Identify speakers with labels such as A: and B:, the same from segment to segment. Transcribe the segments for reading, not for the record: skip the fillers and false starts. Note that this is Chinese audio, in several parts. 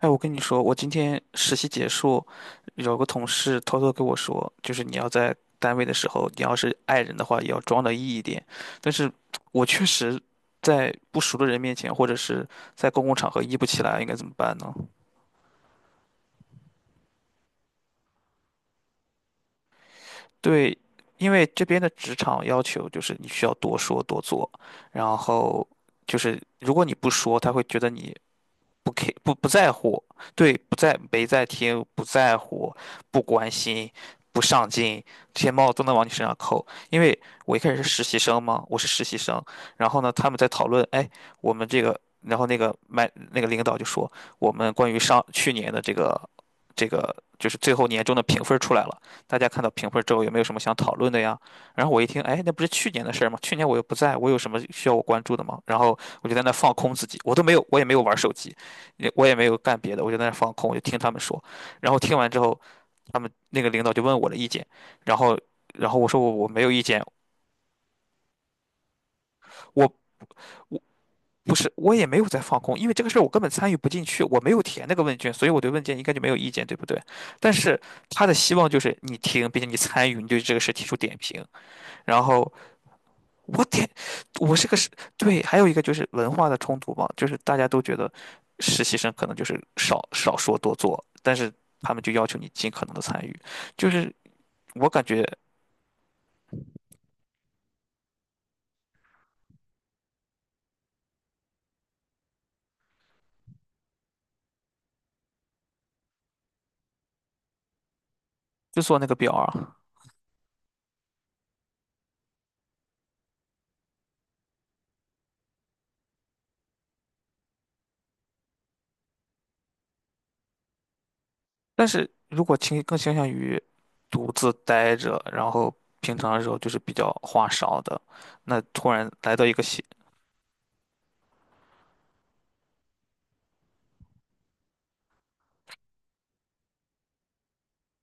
A: 哎，我跟你说，我今天实习结束，有个同事偷偷跟我说，就是你要在单位的时候，你要是爱人的话，也要装的 E 一点。但是我确实在不熟的人面前，或者是在公共场合 E 不起来，应该怎么办呢？对，因为这边的职场要求就是你需要多说多做，然后就是如果你不说，他会觉得你不在乎，对，不在没在听，不在乎，不关心，不上进，这些帽子都能往你身上扣。因为我一开始是实习生嘛，我是实习生，然后呢，他们在讨论，哎，我们这个，然后那个麦那个领导就说，我们关于去年的这个就是最后年终的评分出来了，大家看到评分之后有没有什么想讨论的呀？然后我一听，哎，那不是去年的事儿吗？去年我又不在，我有什么需要我关注的吗？然后我就在那放空自己，我也没有玩手机，我也没有干别的，我就在那儿放空，我就听他们说。然后听完之后，他们那个领导就问我的意见，然后，然后我说我没有意见，我我不是我也没有在放空，因为这个事儿我根本参与不进去，我没有填那个问卷，所以我对问卷应该就没有意见，对不对？但是他的希望就是你听，并且你参与，你对这个事提出点评，然后。我天，我是个实，对，还有一个就是文化的冲突吧，就是大家都觉得实习生可能就是少说多做，但是他们就要求你尽可能的参与，就是我感觉就做那个表啊。但是如果更倾向于独自待着，然后平常的时候就是比较话少的，那突然来到一个新，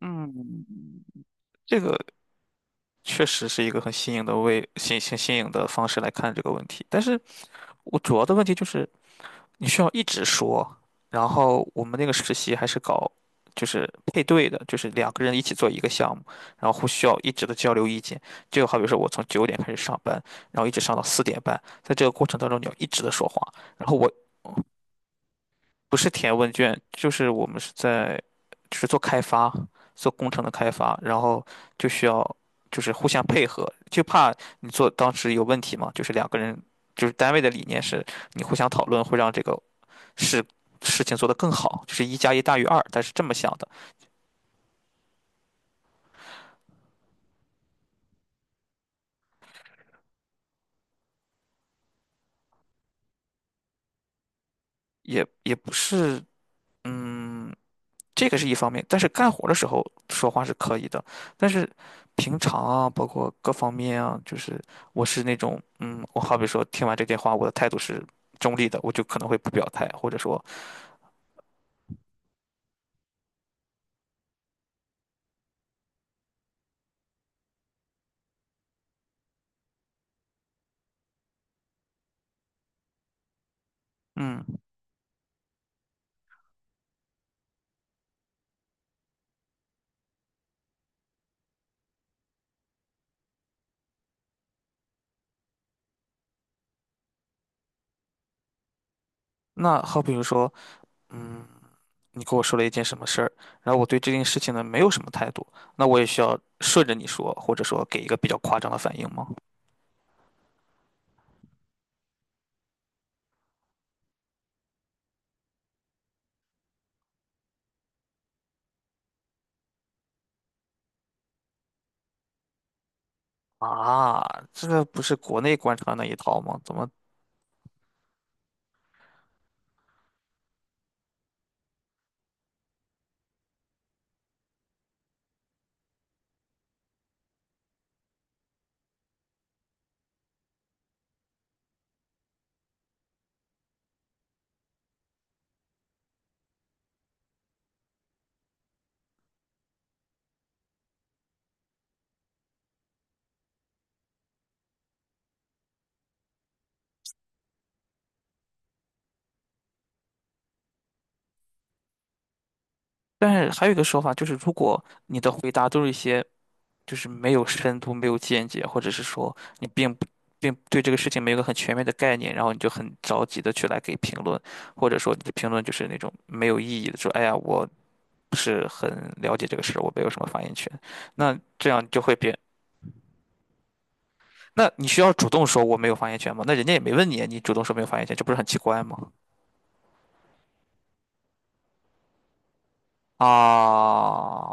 A: 嗯，这个确实是一个很新颖的为新新新颖的方式来看这个问题。但是我主要的问题就是，你需要一直说。然后我们那个实习还是就是配对的，就是两个人一起做一个项目，然后需要一直的交流意见。就好比说我从9点开始上班，然后一直上到4点半，在这个过程当中你要一直的说话，然后不是填问卷，就是我们是在，就是做开发，做工程的开发，然后就需要就是互相配合，就怕你做当时有问题嘛，就是两个人，就是单位的理念是你互相讨论会让这个事事情做得更好，就是一加一大于二，但是这么想的，也不是，嗯。这个是一方面，但是干活的时候说话是可以的，但是平常啊，包括各方面啊，就是我是那种，嗯，我好比说听完这电话，我的态度是中立的，我就可能会不表态，或者说，嗯，那好比如说，嗯，你跟我说了一件什么事儿，然后我对这件事情呢没有什么态度，那我也需要顺着你说，或者说给一个比较夸张的反应吗？啊，这个不是国内官场那一套吗？怎么？但是还有一个说法就是，如果你的回答都是一些，就是没有深度、没有见解，或者是说你并不并对这个事情没有个很全面的概念，然后你就很着急的去来给评论，或者说你的评论就是那种没有意义的，说哎呀，我不是很了解这个事，我没有什么发言权。那这样就会变，那你需要主动说我没有发言权吗？那人家也没问你，你主动说没有发言权，这不是很奇怪吗？啊。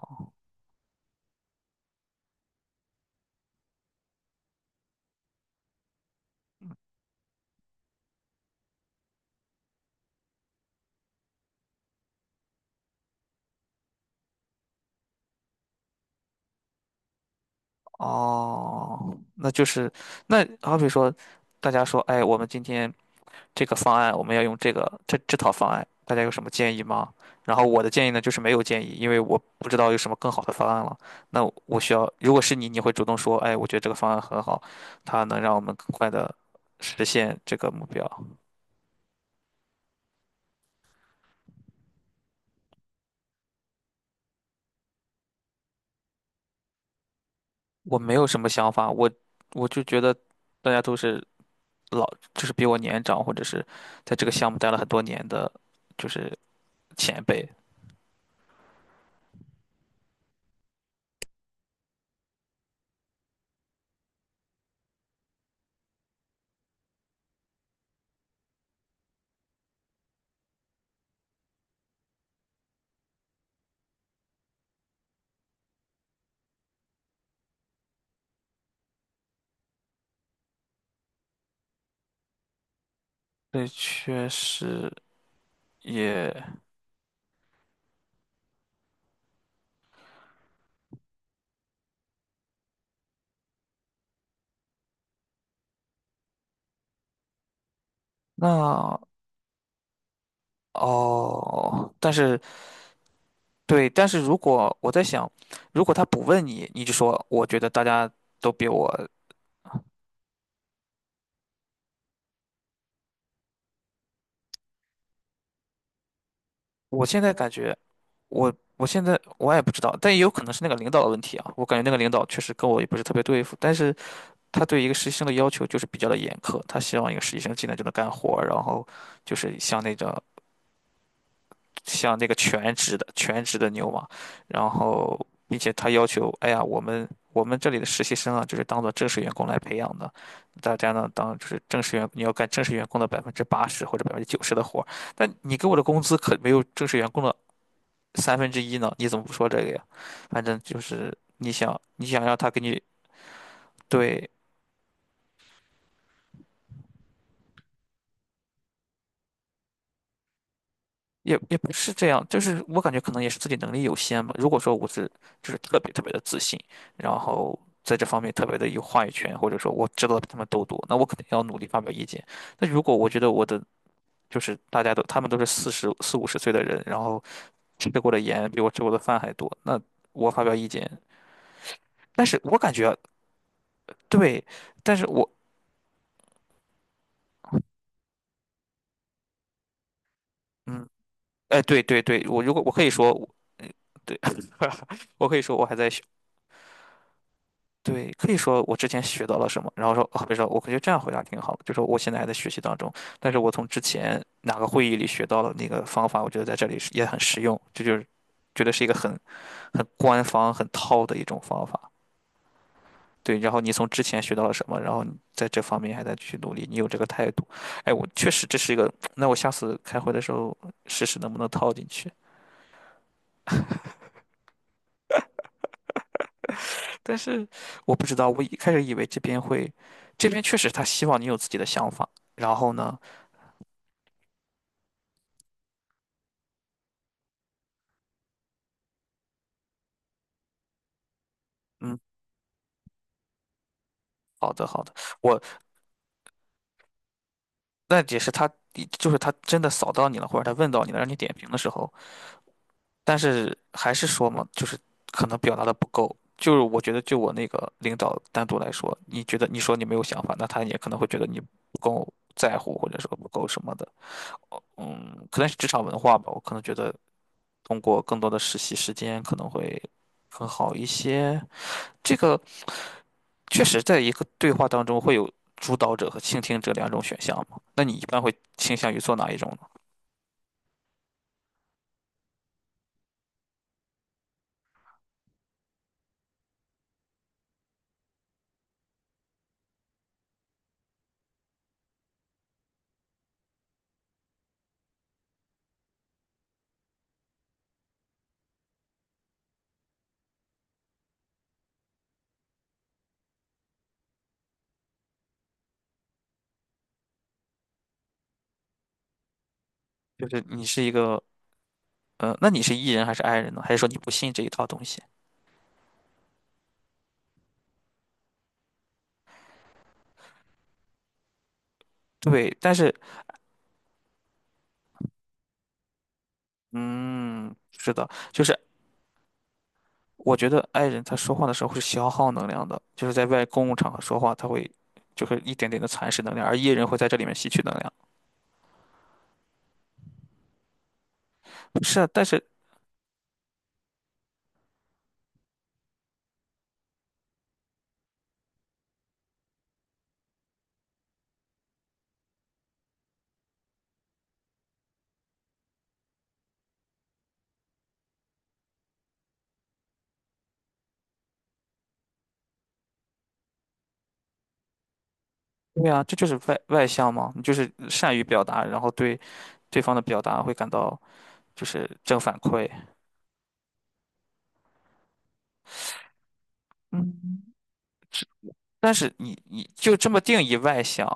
A: 哦，那就是那好比说，大家说，哎，我们今天这个方案我们要用这套方案，大家有什么建议吗？然后我的建议呢，就是没有建议，因为我不知道有什么更好的方案了。那我需要，如果是你，你会主动说，哎，我觉得这个方案很好，它能让我们更快的实现这个目标。我没有什么想法，我就觉得大家都是老，就是比我年长，或者是在这个项目待了很多年的，就是前辈，对，确实也那哦，但是对，但是如果我在想，如果他不问你，你就说我觉得大家都比我，我现在感觉我现在我也不知道，但也有可能是那个领导的问题啊。我感觉那个领导确实跟我也不是特别对付，但是他对一个实习生的要求就是比较的严苛，他希望一个实习生进来就能干活儿，然后就是像那种像那个全职的牛马，然后并且他要求，哎呀，我们这里的实习生啊，就是当做正式员工来培养的，大家呢当就是正式员，你要干正式员工的80%或者90%的活儿，但你给我的工资可没有正式员工的1/3呢，你怎么不说这个呀？反正就是你想让他给你，对也不是这样，就是我感觉可能也是自己能力有限吧。如果说我是就是特别的自信，然后在这方面特别的有话语权，或者说我知道的比他们都多，那我肯定要努力发表意见。那如果我觉得我的就是大家都他们都是四十四五十岁的人，然后吃过的盐比我吃过的饭还多，那我发表意见，但是我感觉对，但是我嗯，哎，对对对，我如果我可以说，对，我可以说我还在。学。对，可以说我之前学到了什么，然后说，哦，别说，我感觉这样回答挺好的，就说我现在还在学习当中，但是我从之前哪个会议里学到了那个方法，我觉得在这里是也很实用，这就是觉得是一个很官方、很套的一种方法。对，然后你从之前学到了什么，然后你在这方面还在去努力，你有这个态度，哎，我确实这是一个，那我下次开会的时候试试能不能套进去。但是我不知道，我一开始以为这边会，这边确实他希望你有自己的想法，然后呢？嗯。好的，好的，我那也是他，就是他真的扫到你了，或者他问到你了，让你点评的时候，但是还是说嘛，就是可能表达的不够。就是我觉得，就我那个领导单独来说，你觉得你说你没有想法，那他也可能会觉得你不够在乎，或者说不够什么的。嗯，可能是职场文化吧，我可能觉得通过更多的实习时间可能会更好一些。这个确实，在一个对话当中会有主导者和倾听者两种选项嘛？那你一般会倾向于做哪一种呢？就是你是一个，那你是 E 人还是 I 人呢？还是说你不信这一套东西？对，但是，嗯，是的，就是我觉得 I 人他说话的时候会消耗能量的，就是在外公共场合说话，他会就是一点点的蚕食能量，而 E 人会在这里面吸取能量。不是啊，但是，对啊，这就是外向嘛，你就是善于表达，然后对对方的表达会感到就是正反馈。但是你就这么定义外向，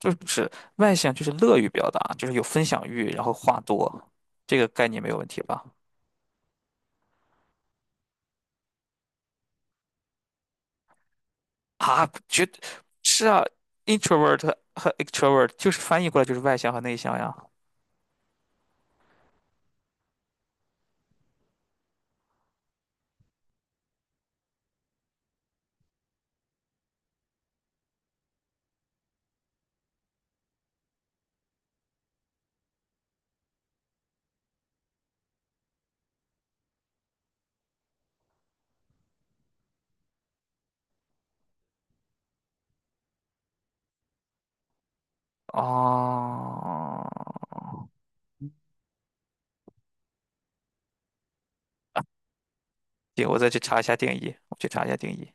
A: 就是外向就是乐于表达，就是有分享欲，然后话多，这个概念没有问题吧？啊，绝，是啊，introvert 和 extrovert 就是翻译过来就是外向和内向呀。哦，行，我再去查一下定义，我去查一下定义。